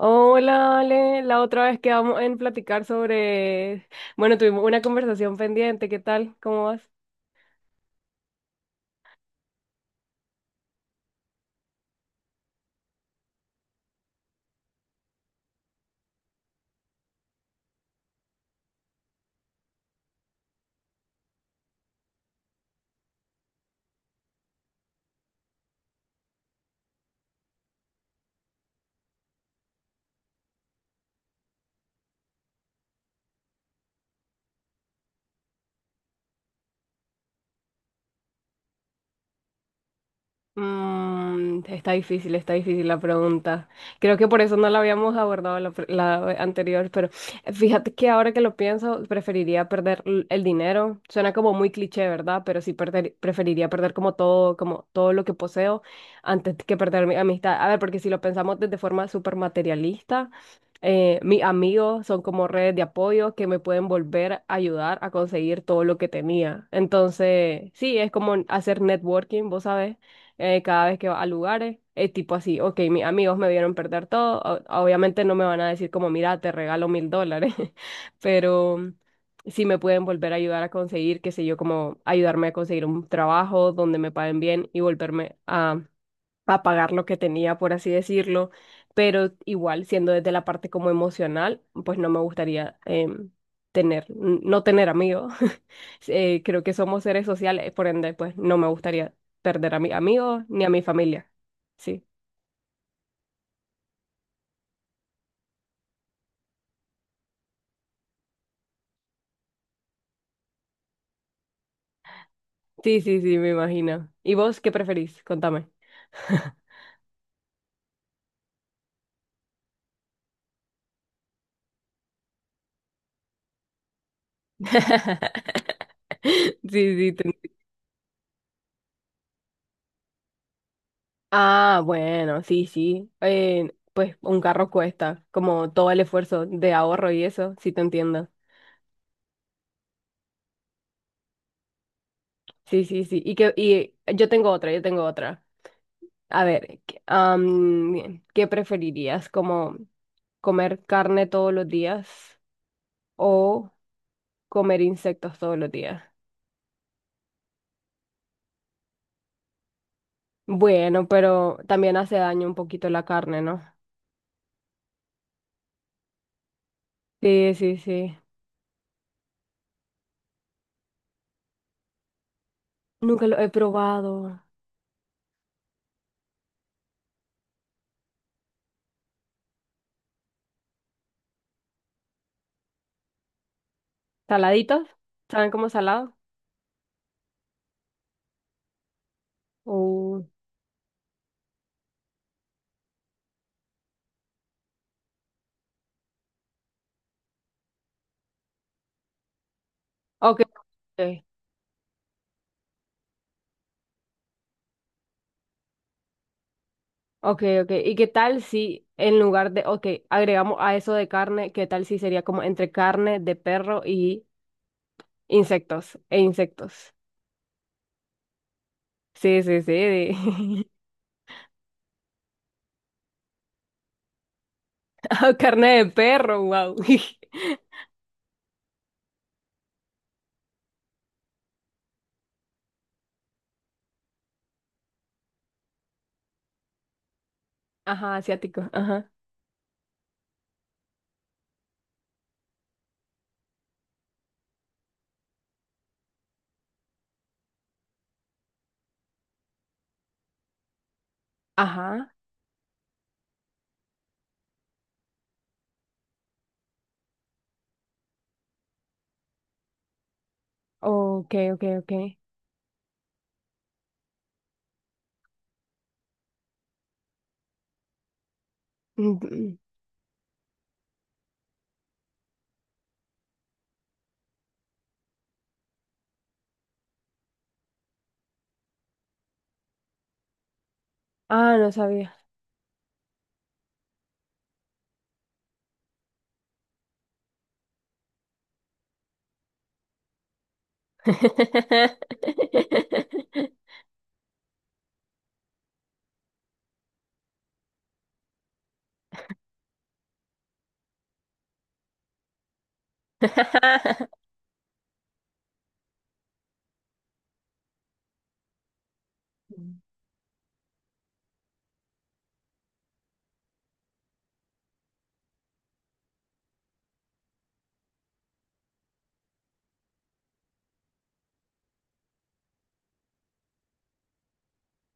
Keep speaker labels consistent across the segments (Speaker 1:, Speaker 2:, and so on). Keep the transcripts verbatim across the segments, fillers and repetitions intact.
Speaker 1: Oh, hola, Ale. La otra vez quedamos en platicar sobre... Bueno, tuvimos una conversación pendiente. ¿Qué tal? ¿Cómo vas? Mm, está difícil, está difícil la pregunta. Creo que por eso no la habíamos abordado la, pre- la anterior, pero eh, fíjate que ahora que lo pienso, preferiría perder l- el dinero. Suena como muy cliché, ¿verdad? Pero sí perder, preferiría perder como todo, como todo lo que poseo antes que perder mi amistad. A ver, porque si lo pensamos desde forma súper materialista, eh, mis amigos son como redes de apoyo que me pueden volver a ayudar a conseguir todo lo que tenía. Entonces, sí, es como hacer networking, vos sabés eh, cada vez que va a lugares. Es tipo así, ok, mis amigos me vieron perder todo. o- Obviamente no me van a decir como, mira, te regalo mil dólares, pero sí me pueden volver a ayudar a conseguir, qué sé yo, como ayudarme a conseguir un trabajo donde me paguen bien y volverme a, a pagar lo que tenía, por así decirlo. Pero igual, siendo desde la parte como emocional, pues no me gustaría em, tener, n- no tener amigos. Eh, creo que somos seres sociales, por ende, pues no me gustaría perder a mis amigos ni a mi familia. Sí, sí, sí, sí, me imagino. ¿Y vos qué preferís? Contame. Sí, sí, te entiendo. Ah, bueno, sí, sí. Eh, pues un carro cuesta como todo el esfuerzo de ahorro y eso, sí te entiendo. Sí, sí, sí. Y que y yo tengo otra, yo tengo otra. A ver, ¿qué am, ¿qué preferirías? ¿Como comer carne todos los días o comer insectos todos los días? Bueno, pero también hace daño un poquito la carne, ¿no? Sí, sí, sí. Nunca lo he probado. ¿Saladitos? ¿Saben cómo salado? Uh, ok, ok, ok, ok. ¿Y qué tal si en lugar de, ok, agregamos a eso de carne, qué tal si sería como entre carne de perro y insectos, e insectos? Sí, sí, sí. de- Ah, carne de perro, wow. Ajá, asiático, ajá. Ajá. Ok, ok, ok. Mm, ah, no sabía.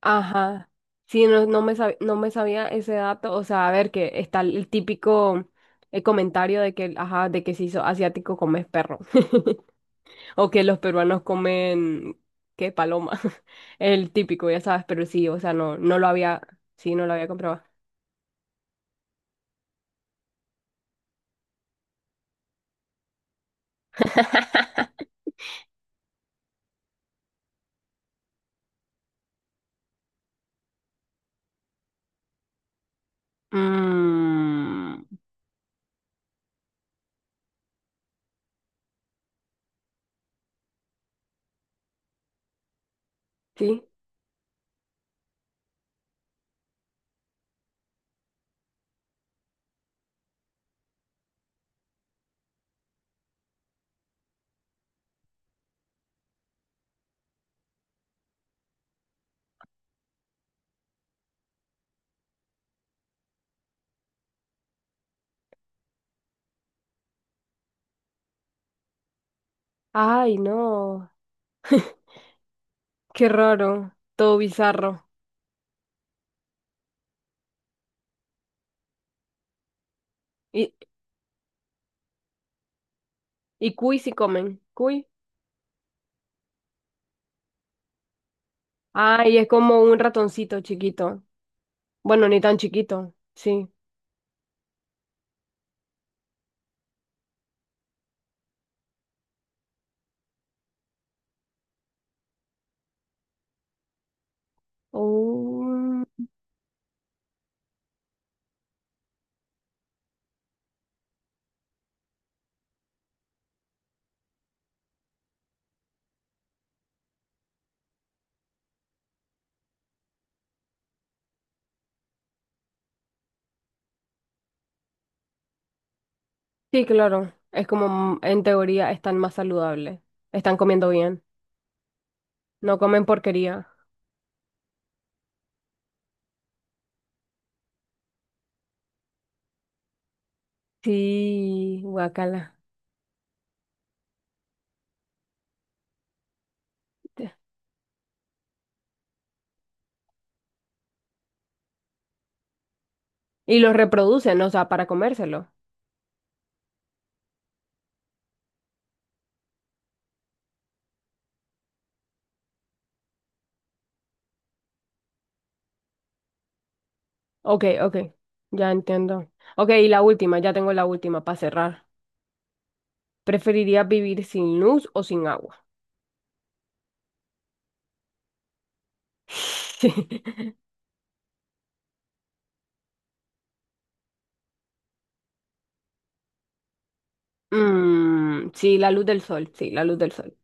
Speaker 1: Ajá. Sí, no, no me sab- no me sabía ese dato. O sea, a ver, que está el típico eh, comentario de que, ajá, de que si sos asiático comes perro. O que los peruanos comen, ¿qué? Paloma. El típico, ya sabes, pero sí, o sea, no, no lo había, sí, no lo había comprobado. Mm, sí. Ay, no. Qué raro. Todo bizarro. Y, y cuy si comen. Cuy. Ay, es como un ratoncito chiquito. Bueno, ni tan chiquito. Sí. Oh, sí, claro. Es como, mm, en teoría, están más saludables. Están comiendo bien. No comen porquería. Sí, guacala. Y los reproducen, o sea, para comérselo. Ok, ok. Ya entiendo. Ok, y la última, ya tengo la última para cerrar. ¿Preferirías vivir sin luz o sin agua? Mm, sí, la luz del sol, sí, la luz del sol.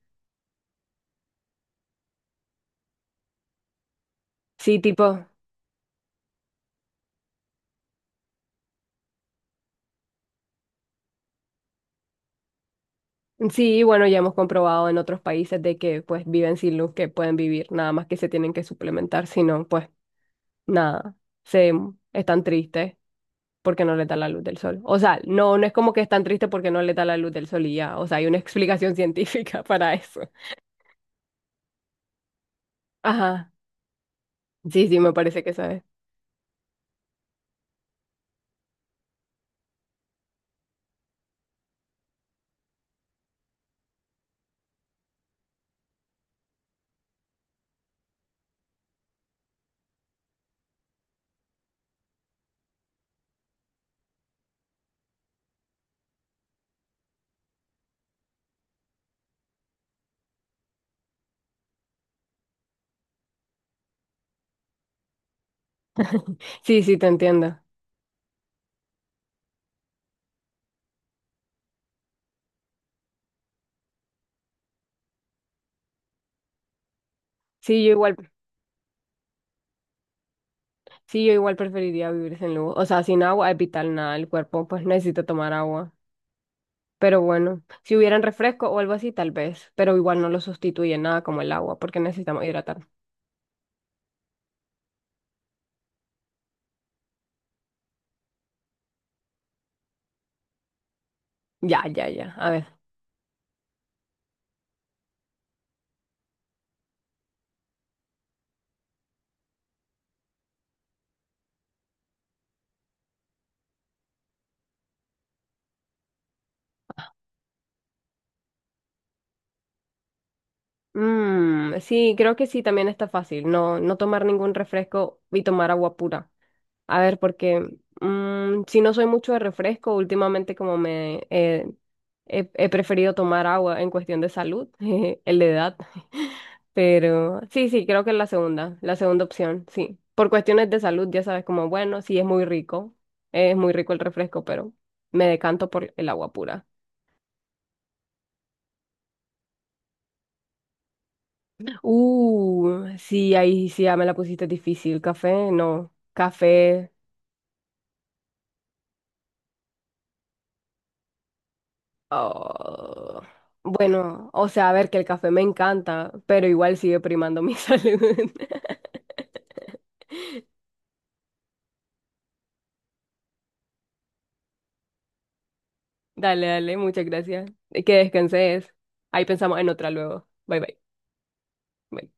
Speaker 1: Sí, tipo, sí, bueno, ya hemos comprobado en otros países de que pues viven sin luz, que pueden vivir, nada más que se tienen que suplementar, si no, pues nada, se mm, están tristes porque no les da la luz del sol. O sea, no, no es como que están tristes porque no les da la luz del sol y ya, o sea, hay una explicación científica para eso. Ajá, sí, sí, me parece que sabes. Sí, sí, te entiendo. Sí, yo igual, sí, yo igual preferiría vivir sin luz. O sea, sin agua es vital nada, el cuerpo pues necesita tomar agua. Pero bueno, si hubieran refresco o algo así, tal vez, pero igual no lo sustituye nada como el agua, porque necesitamos hidratar. Ya, ya, ya. A ver. Mm, sí, creo que sí, también está fácil. No, no tomar ningún refresco y tomar agua pura. A ver, porque mm, si no soy mucho de refresco, últimamente como me eh, he, he preferido tomar agua en cuestión de salud, el de edad. Pero sí, sí, creo que es la segunda, la segunda opción, sí. Por cuestiones de salud, ya sabes, como bueno, sí es muy rico, es muy rico el refresco, pero me decanto por el agua pura. Uh, sí, ahí sí ya me la pusiste difícil. Café, no. Café. Oh, bueno, o sea, a ver que el café me encanta, pero igual sigue primando mi salud. Dale, dale, muchas gracias. Y que descanses. Ahí pensamos en otra luego. Bye, bye. Bye.